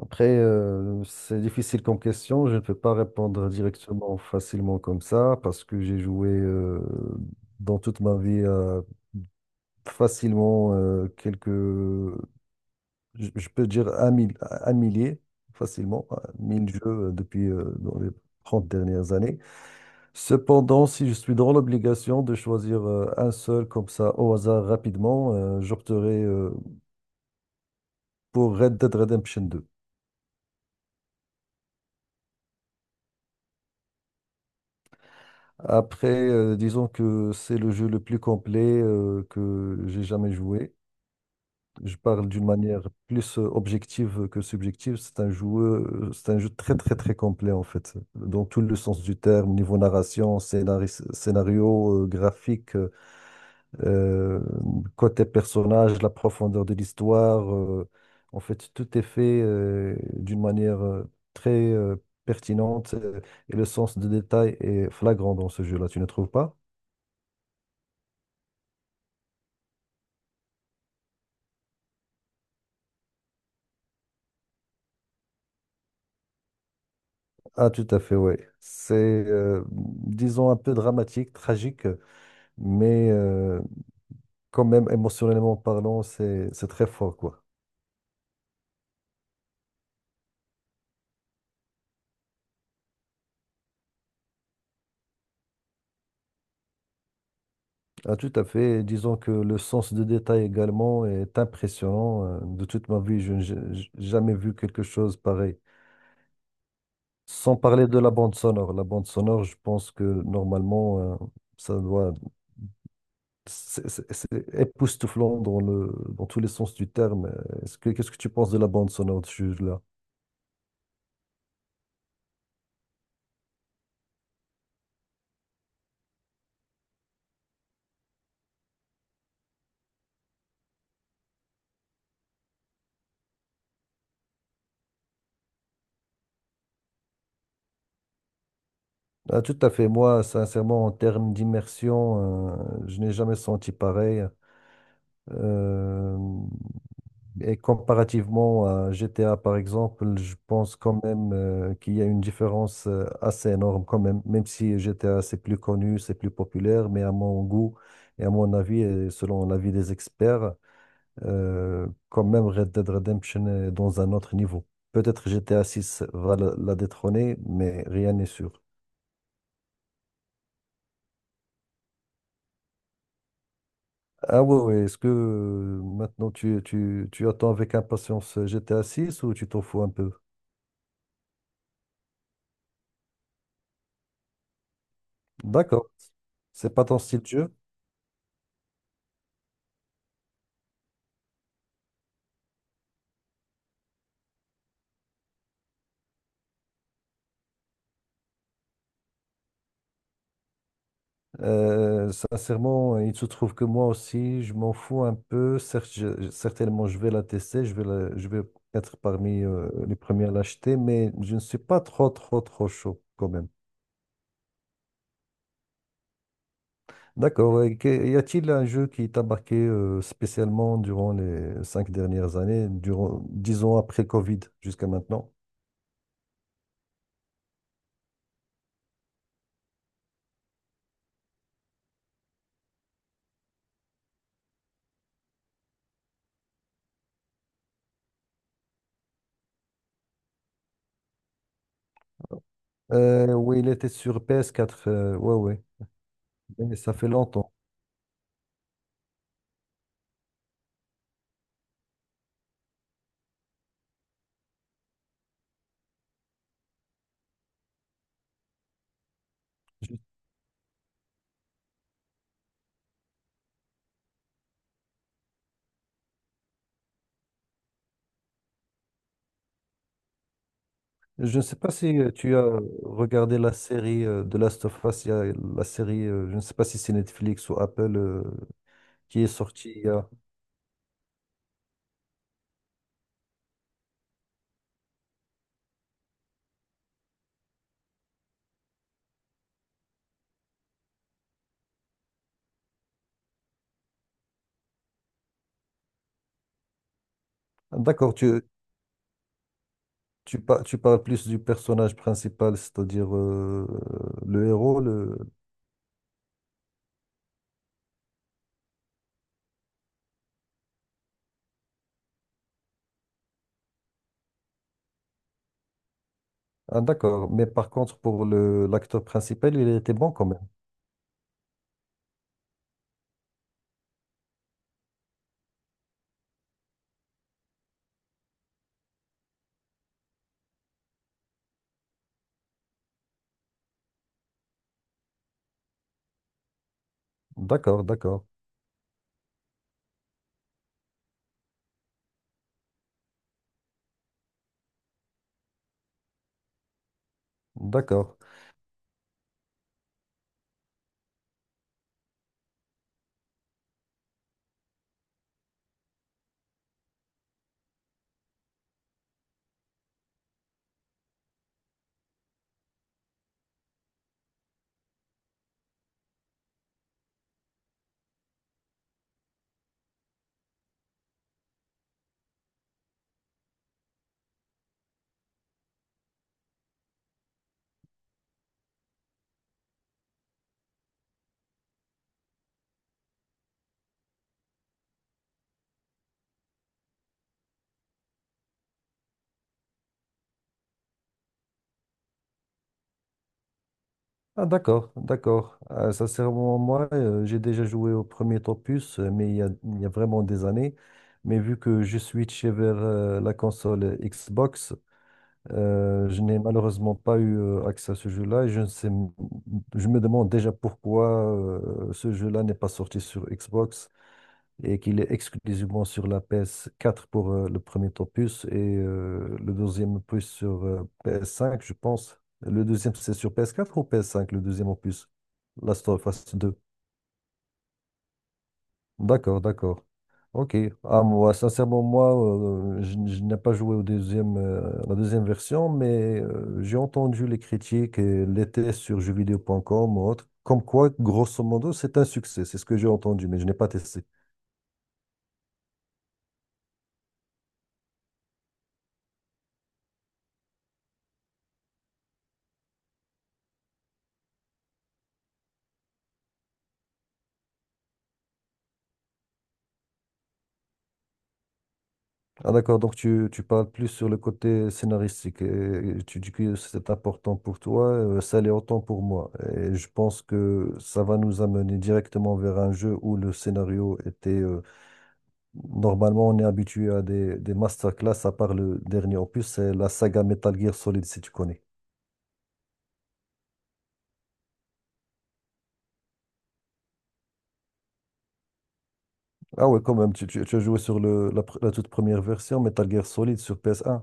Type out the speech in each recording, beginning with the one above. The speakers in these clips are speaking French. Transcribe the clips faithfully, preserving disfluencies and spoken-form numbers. Après, euh, c'est difficile comme question. Je ne peux pas répondre directement, facilement comme ça, parce que j'ai joué euh, dans toute ma vie euh, facilement euh, quelques, je je peux dire un, mil- un millier, facilement, euh, mille jeux euh, depuis euh, dans les trente dernières années. Cependant, si je suis dans l'obligation de choisir euh, un seul comme ça au hasard rapidement, euh, j'opterai euh, pour Red Dead Redemption deux. Après, euh, disons que c'est le jeu le plus complet euh, que j'ai jamais joué. Je parle d'une manière plus euh, objective que subjective. C'est un jeu, euh, c'est un jeu très très très complet en fait, dans tout le sens du terme, niveau narration, scénaris- scénario, euh, graphique, euh, côté personnage, la profondeur de l'histoire. Euh, en fait, tout est fait euh, d'une manière euh, très euh, pertinente euh, et le sens de détail est flagrant dans ce jeu-là. Tu ne trouves pas? Ah, tout à fait, oui. C'est, euh, disons, un peu dramatique, tragique, mais euh, quand même, émotionnellement parlant, c'est, c'est très fort, quoi. Ah, tout à fait. Et disons que le sens de détail également est impressionnant. Euh, De toute ma vie, je n'ai j- j- jamais vu quelque chose pareil. Sans parler de la bande sonore. La bande sonore, je pense que normalement, euh, ça doit... C'est c'est- c'est époustouflant dans le, dans tous les sens du terme. Est-ce que, qu'est-ce que tu penses de la bande sonore, là? Ah, tout à fait. Moi, sincèrement, en termes d'immersion, euh, je n'ai jamais senti pareil. Euh, et comparativement à G T A, par exemple, je pense quand même euh, qu'il y a une différence euh, assez énorme quand même. Même si G T A, c'est plus connu, c'est plus populaire, mais à mon goût et à mon avis, et selon l'avis des experts, euh, quand même Red Dead Redemption est dans un autre niveau. Peut-être G T A six va la la détrôner, mais rien n'est sûr. Ah ouais, ouais. Est-ce que euh, maintenant tu, tu, tu attends avec impatience G T A six ou tu t'en fous un peu? D'accord. C'est pas ton style de jeu. Euh, sincèrement, il se trouve que moi aussi, je m'en fous un peu. Certes, je- certainement, je vais la tester, je vais la- je vais être parmi euh, les premiers à l'acheter, mais je ne suis pas trop, trop, trop chaud quand même. D'accord. Et que- Y a-t-il un jeu qui t'a marqué euh, spécialement durant les cinq dernières années, durant, disons après le Covid jusqu'à maintenant? Euh, oui, il était sur ps quatre. Euh, ouais, ouais. Mais ça fait longtemps. Je je ne sais pas si euh, tu as regardé la série euh, de Last of Us. Il y a la série, euh, je ne sais pas si c'est Netflix ou Apple euh, qui est sortie. il y a- Ah, d'accord, tu, tu, par- tu parles plus du personnage principal, c'est-à-dire euh, le héros. Le... Ah, d'accord. Mais par contre, pour le, l'acteur principal, il était bon quand même. D'accord, d'accord, d'accord. Ah, d'accord, d'accord. Euh, sincèrement, moi, euh, j'ai déjà joué au premier Topus, euh, mais il y a, il y a vraiment des années. Mais vu que je suis switché vers euh, la console Xbox, euh, je n'ai malheureusement pas eu euh, accès à ce jeu-là. Et je ne sais, m- je me demande déjà pourquoi euh, ce jeu-là n'est pas sorti sur Xbox et qu'il est exclusivement sur la P S quatre pour euh, le premier opus et euh, le deuxième opus sur euh, P S cinq, je pense. Le deuxième, c'est sur P S quatre ou P S cinq, le deuxième opus? Last of Us deux. D'accord, d'accord. Ok. Ah, moi, sincèrement, moi, euh, je, je n'ai pas joué au deuxième, euh, la deuxième version, mais euh, j'ai entendu les critiques et les tests sur jeuxvideo point com ou autre, comme quoi, grosso modo, c'est un succès. C'est ce que j'ai entendu, mais je n'ai pas testé. Ah, d'accord, donc tu, tu parles plus sur le côté scénaristique et tu dis que c'est important pour toi, euh, ça l'est autant pour moi. Et je pense que ça va nous amener directement vers un jeu où le scénario était... euh, normalement, on est habitué à des, des masterclass, à part le dernier opus, c'est la saga Metal Gear Solid, si tu connais. Ah ouais, quand même, tu, tu, tu as joué sur le, la, pr- la toute première version, Metal Gear Solid sur P S un.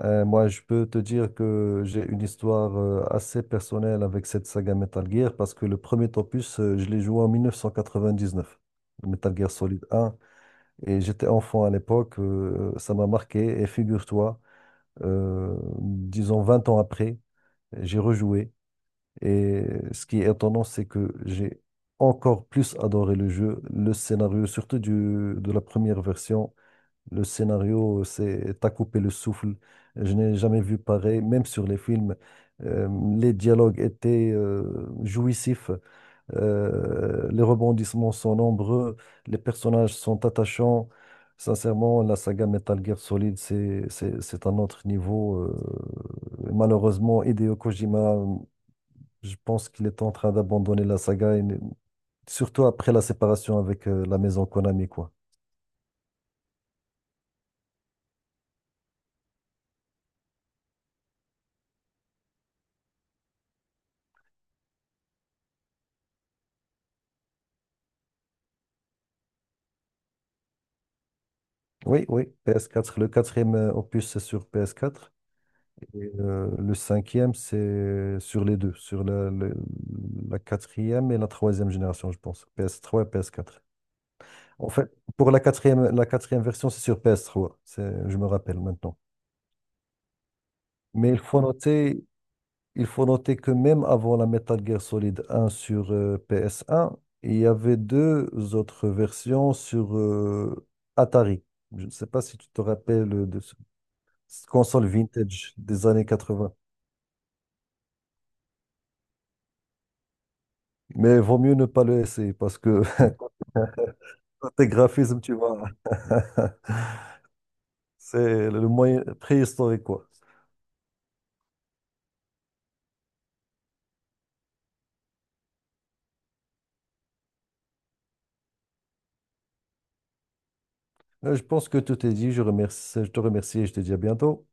Euh, moi, je peux te dire que j'ai une histoire euh, assez personnelle avec cette saga Metal Gear parce que le premier opus, euh, je l'ai joué en mille neuf cent quatre-vingt-dix-neuf, le Metal Gear Solid un, et j'étais enfant à l'époque, euh, ça m'a marqué. Et figure-toi, euh, disons vingt ans après, j'ai rejoué. Et ce qui est étonnant, c'est que j'ai encore plus adoré le jeu, le scénario, surtout du, de la première version. Le scénario, c'est t'as coupé le souffle. Je n'ai jamais vu pareil, même sur les films. Euh, les dialogues étaient euh, jouissifs. Euh, les rebondissements sont nombreux. Les personnages sont attachants. Sincèrement, la saga Metal Gear Solid, c'est c'est c'est un autre niveau. euh. Malheureusement, Hideo Kojima, je pense qu'il est en train d'abandonner la saga, et- surtout après la séparation avec euh, la maison Konami, quoi. Oui, oui, ps quatre. Le quatrième euh, opus, c'est sur ps quatre. Et euh, le cinquième, c'est sur les deux, sur la, le- la quatrième et la troisième génération, je pense. Ps trois, et ps quatre. En fait, pour la quatrième, la quatrième version, c'est sur ps trois. C'est, je me rappelle maintenant. Mais il faut noter, il faut noter que même avant la Metal Gear Solid un sur euh, ps un, il y avait deux autres versions sur euh, Atari. Je ne sais pas si tu te rappelles de ce console vintage des années quatre-vingts. Mais vaut mieux ne pas le essayer parce que tes graphisme, tu vois, c'est le moyen préhistorique, quoi. Euh, Je pense que tout est dit. Je remercie, je te remercie et je te dis à bientôt.